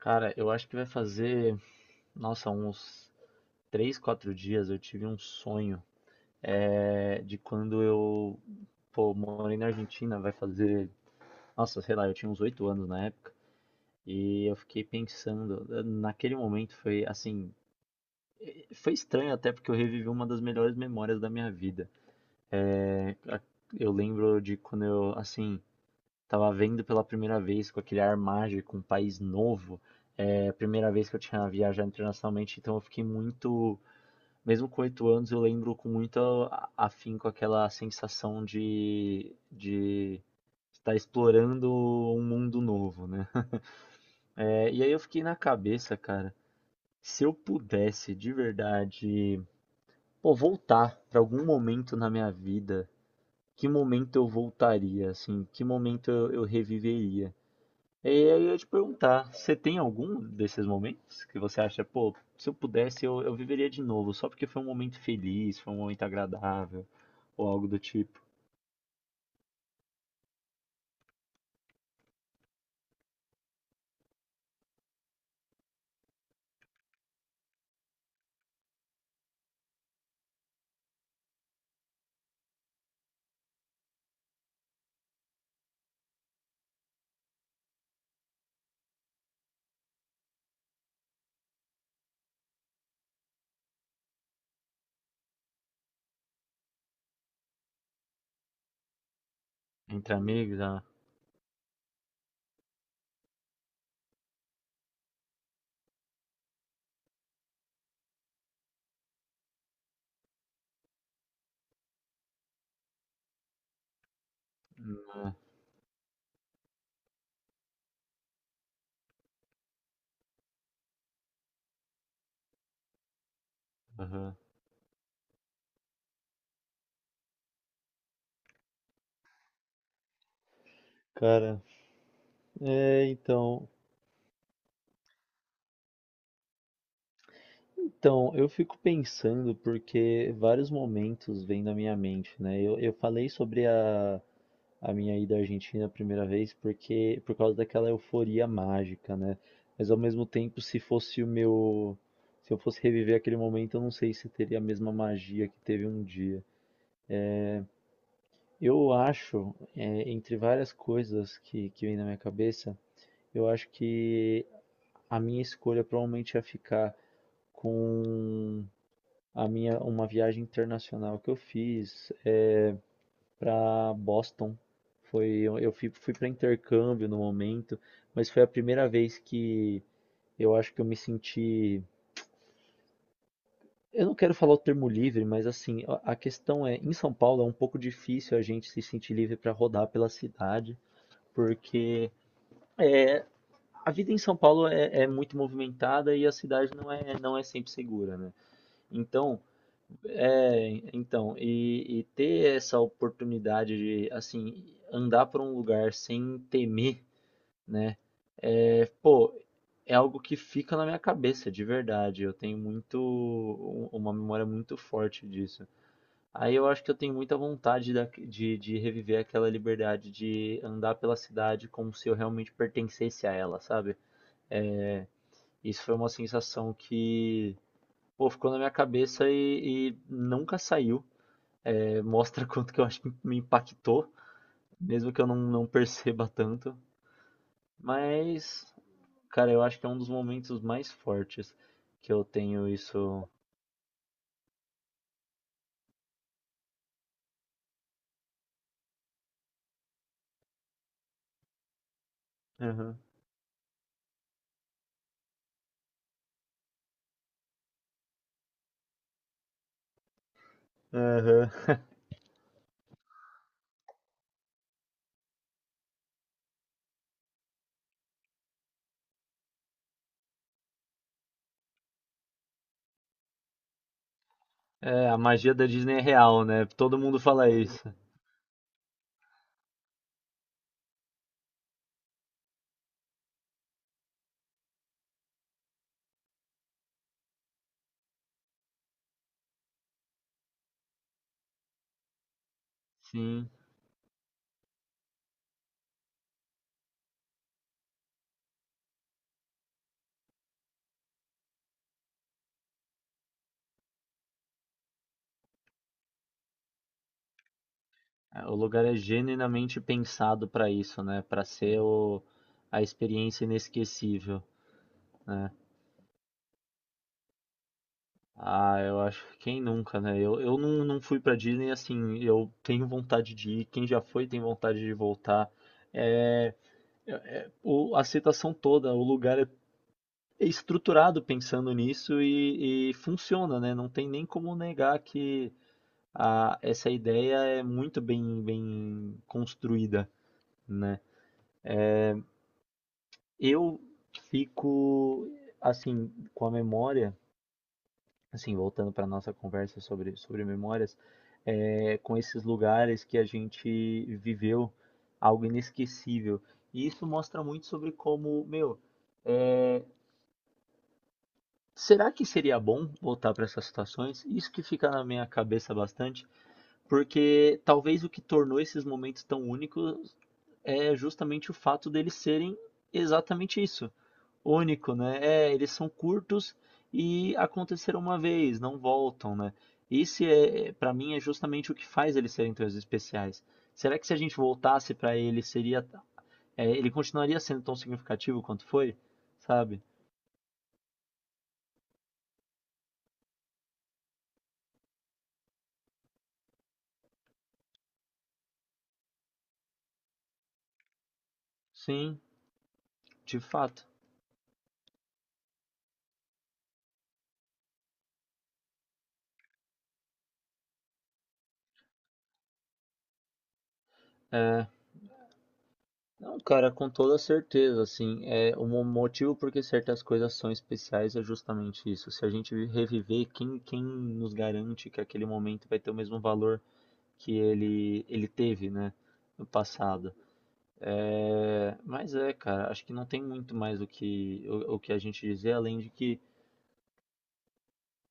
Cara, eu acho que vai fazer, nossa, uns 3, 4 dias eu tive um sonho de quando eu, pô, morei na Argentina, vai fazer, nossa, sei lá, eu tinha uns 8 anos na época, e eu fiquei pensando, naquele momento foi assim, foi estranho até porque eu revivi uma das melhores memórias da minha vida. É, a- eu lembro de quando eu, assim, tava vendo pela primeira vez com aquele ar mágico, um país novo. É a primeira vez que eu tinha viajado internacionalmente, então eu fiquei muito. Mesmo com 8 anos, eu lembro com muito afinco aquela sensação de estar explorando um mundo novo, né? E aí eu fiquei na cabeça, cara, se eu pudesse de verdade, pô, voltar pra algum momento na minha vida, que momento eu voltaria, assim, que momento eu reviveria? E aí eu ia te perguntar, você tem algum desses momentos que você acha, pô, se eu pudesse eu viveria de novo, só porque foi um momento feliz, foi um momento agradável, ou algo do tipo? Entre amigos, ah, é, aham. Cara, é, então, então, eu fico pensando porque vários momentos vêm na minha mente, né? Eu falei sobre a minha ida à Argentina a primeira vez porque por causa daquela euforia mágica, né? Mas ao mesmo tempo, se eu fosse reviver aquele momento, eu não sei se teria a mesma magia que teve um dia. Eu acho, entre várias coisas que vem na minha cabeça, eu acho que a minha escolha provavelmente ia ficar com a minha uma viagem internacional que eu fiz, para Boston. Foi, eu fui, fui para intercâmbio no momento, mas foi a primeira vez que eu acho que eu me senti. Eu não quero falar o termo livre, mas assim, a questão é, em São Paulo é um pouco difícil a gente se sentir livre para rodar pela cidade, porque a vida em São Paulo é muito movimentada e a cidade não é sempre segura, né? Então, e ter essa oportunidade de, assim, andar por um lugar sem temer. Né. Pô, é algo que fica na minha cabeça, de verdade. Eu tenho muito u uma memória muito forte disso. Aí eu acho que eu tenho muita vontade da de reviver aquela liberdade de andar pela cidade como se eu realmente pertencesse a ela, sabe. Isso foi uma sensação que, pô, ficou na minha cabeça e nunca saiu. Mostra quanto que eu acho que me impactou, mesmo que eu não perceba tanto. Mas cara, eu acho que é um dos momentos mais fortes que eu tenho isso. Aham, aham. É, a magia da Disney é real, né? Todo mundo fala isso. Sim, é, o lugar é genuinamente pensado pra isso, né? A experiência inesquecível, né? Ah, eu acho que quem nunca, né? Eu não, Não fui pra Disney assim, eu tenho vontade de ir, quem já foi tem vontade de voltar. É, é- a citação toda, o lugar é estruturado pensando nisso e funciona, né? Não tem nem como negar que essa ideia é muito bem construída, né? Eu fico assim com a memória, assim voltando para nossa conversa sobre memórias, é, com esses lugares que a gente viveu algo inesquecível. E isso mostra muito sobre como, meu, será que seria bom voltar para essas situações? Isso que fica na minha cabeça bastante. Porque talvez o que tornou esses momentos tão únicos é justamente o fato deles serem exatamente isso, único, né? É, eles são curtos e aconteceram uma vez, não voltam, né? Para mim, é justamente o que faz eles serem tão especiais. Será que se a gente voltasse para ele, ele continuaria sendo tão significativo quanto foi? Sabe? Sim, de fato. É, Não, cara, com toda certeza, assim, é o motivo porque certas coisas são especiais é justamente isso. Se a gente reviver, quem nos garante que aquele momento vai ter o mesmo valor que ele teve, né, no passado? É, mas é, cara, acho que não tem muito mais o que, o que a gente dizer, além de que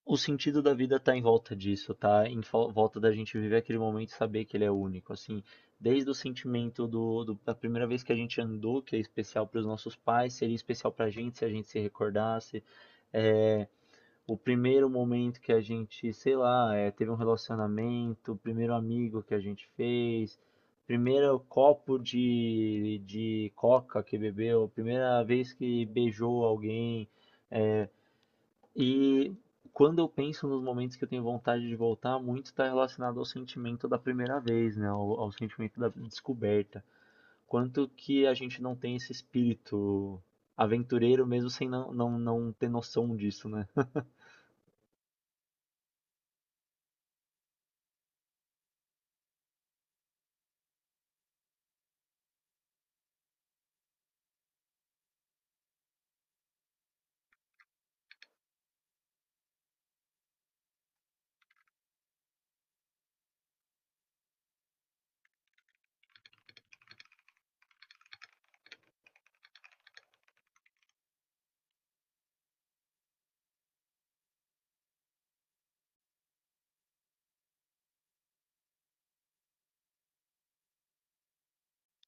o sentido da vida tá em volta disso, tá em fol volta da gente viver aquele momento e saber que ele é único, assim. Desde o sentimento do do da primeira vez que a gente andou, que é especial para os nossos pais, seria especial pra gente se a gente se recordasse. Eh, o primeiro momento que a gente, sei lá, teve um relacionamento, o primeiro amigo que a gente fez, primeiro copo de coca que bebeu, primeira vez que beijou alguém. E quando eu penso nos momentos que eu tenho vontade de voltar, muito está relacionado ao sentimento da primeira vez, né? Ao sentimento da descoberta. Quanto que a gente não tem esse espírito aventureiro mesmo sem não ter noção disso, né?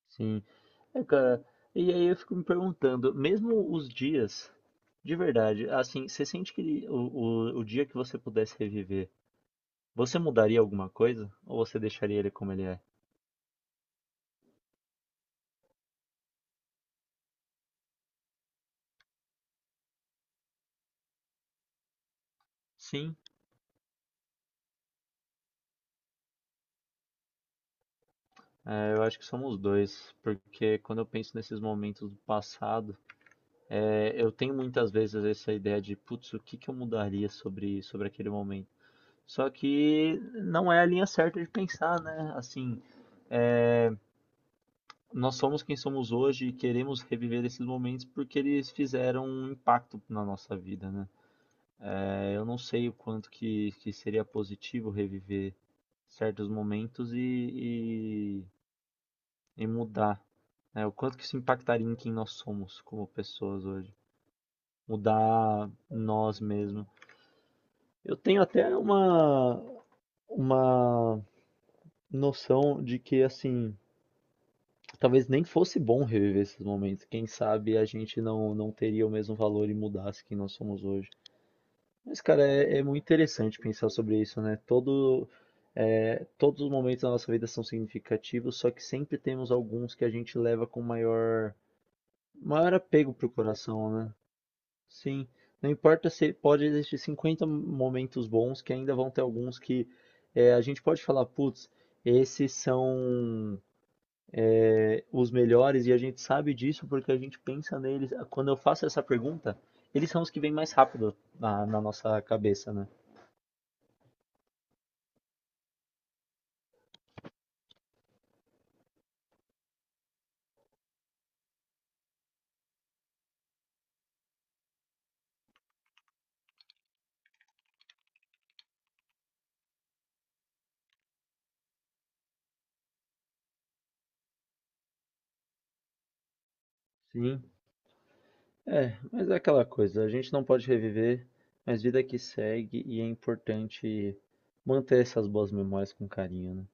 Sim. É, cara, e aí eu fico me perguntando, mesmo os dias, de verdade, assim, você sente que o dia que você pudesse reviver, você mudaria alguma coisa? Ou você deixaria ele como ele é? Sim, é, eu acho que somos dois, porque quando eu penso nesses momentos do passado, é, eu tenho muitas vezes essa ideia de, putz, o que que eu mudaria sobre aquele momento? Só que não é a linha certa de pensar, né? Assim, nós somos quem somos hoje e queremos reviver esses momentos porque eles fizeram um impacto na nossa vida, né? É, eu não sei o quanto que seria positivo reviver certos momentos e mudar, né? O quanto que isso impactaria em quem nós somos como pessoas hoje? Mudar nós mesmos. Eu tenho até uma noção de que assim, talvez nem fosse bom reviver esses momentos. Quem sabe a gente não teria o mesmo valor e mudasse quem nós somos hoje. Mas, cara, é muito interessante pensar sobre isso, né? Todos os momentos da nossa vida são significativos, só que sempre temos alguns que a gente leva com maior apego pro coração, né? Sim, não importa se pode existir 50 momentos bons, que ainda vão ter alguns que a gente pode falar, putz, esses são os melhores e a gente sabe disso porque a gente pensa neles. Quando eu faço essa pergunta, eles são os que vêm mais rápido na, na nossa cabeça, né? Sim. É, mas é aquela coisa, a gente não pode reviver, mas vida que segue e é importante manter essas boas memórias com carinho, né?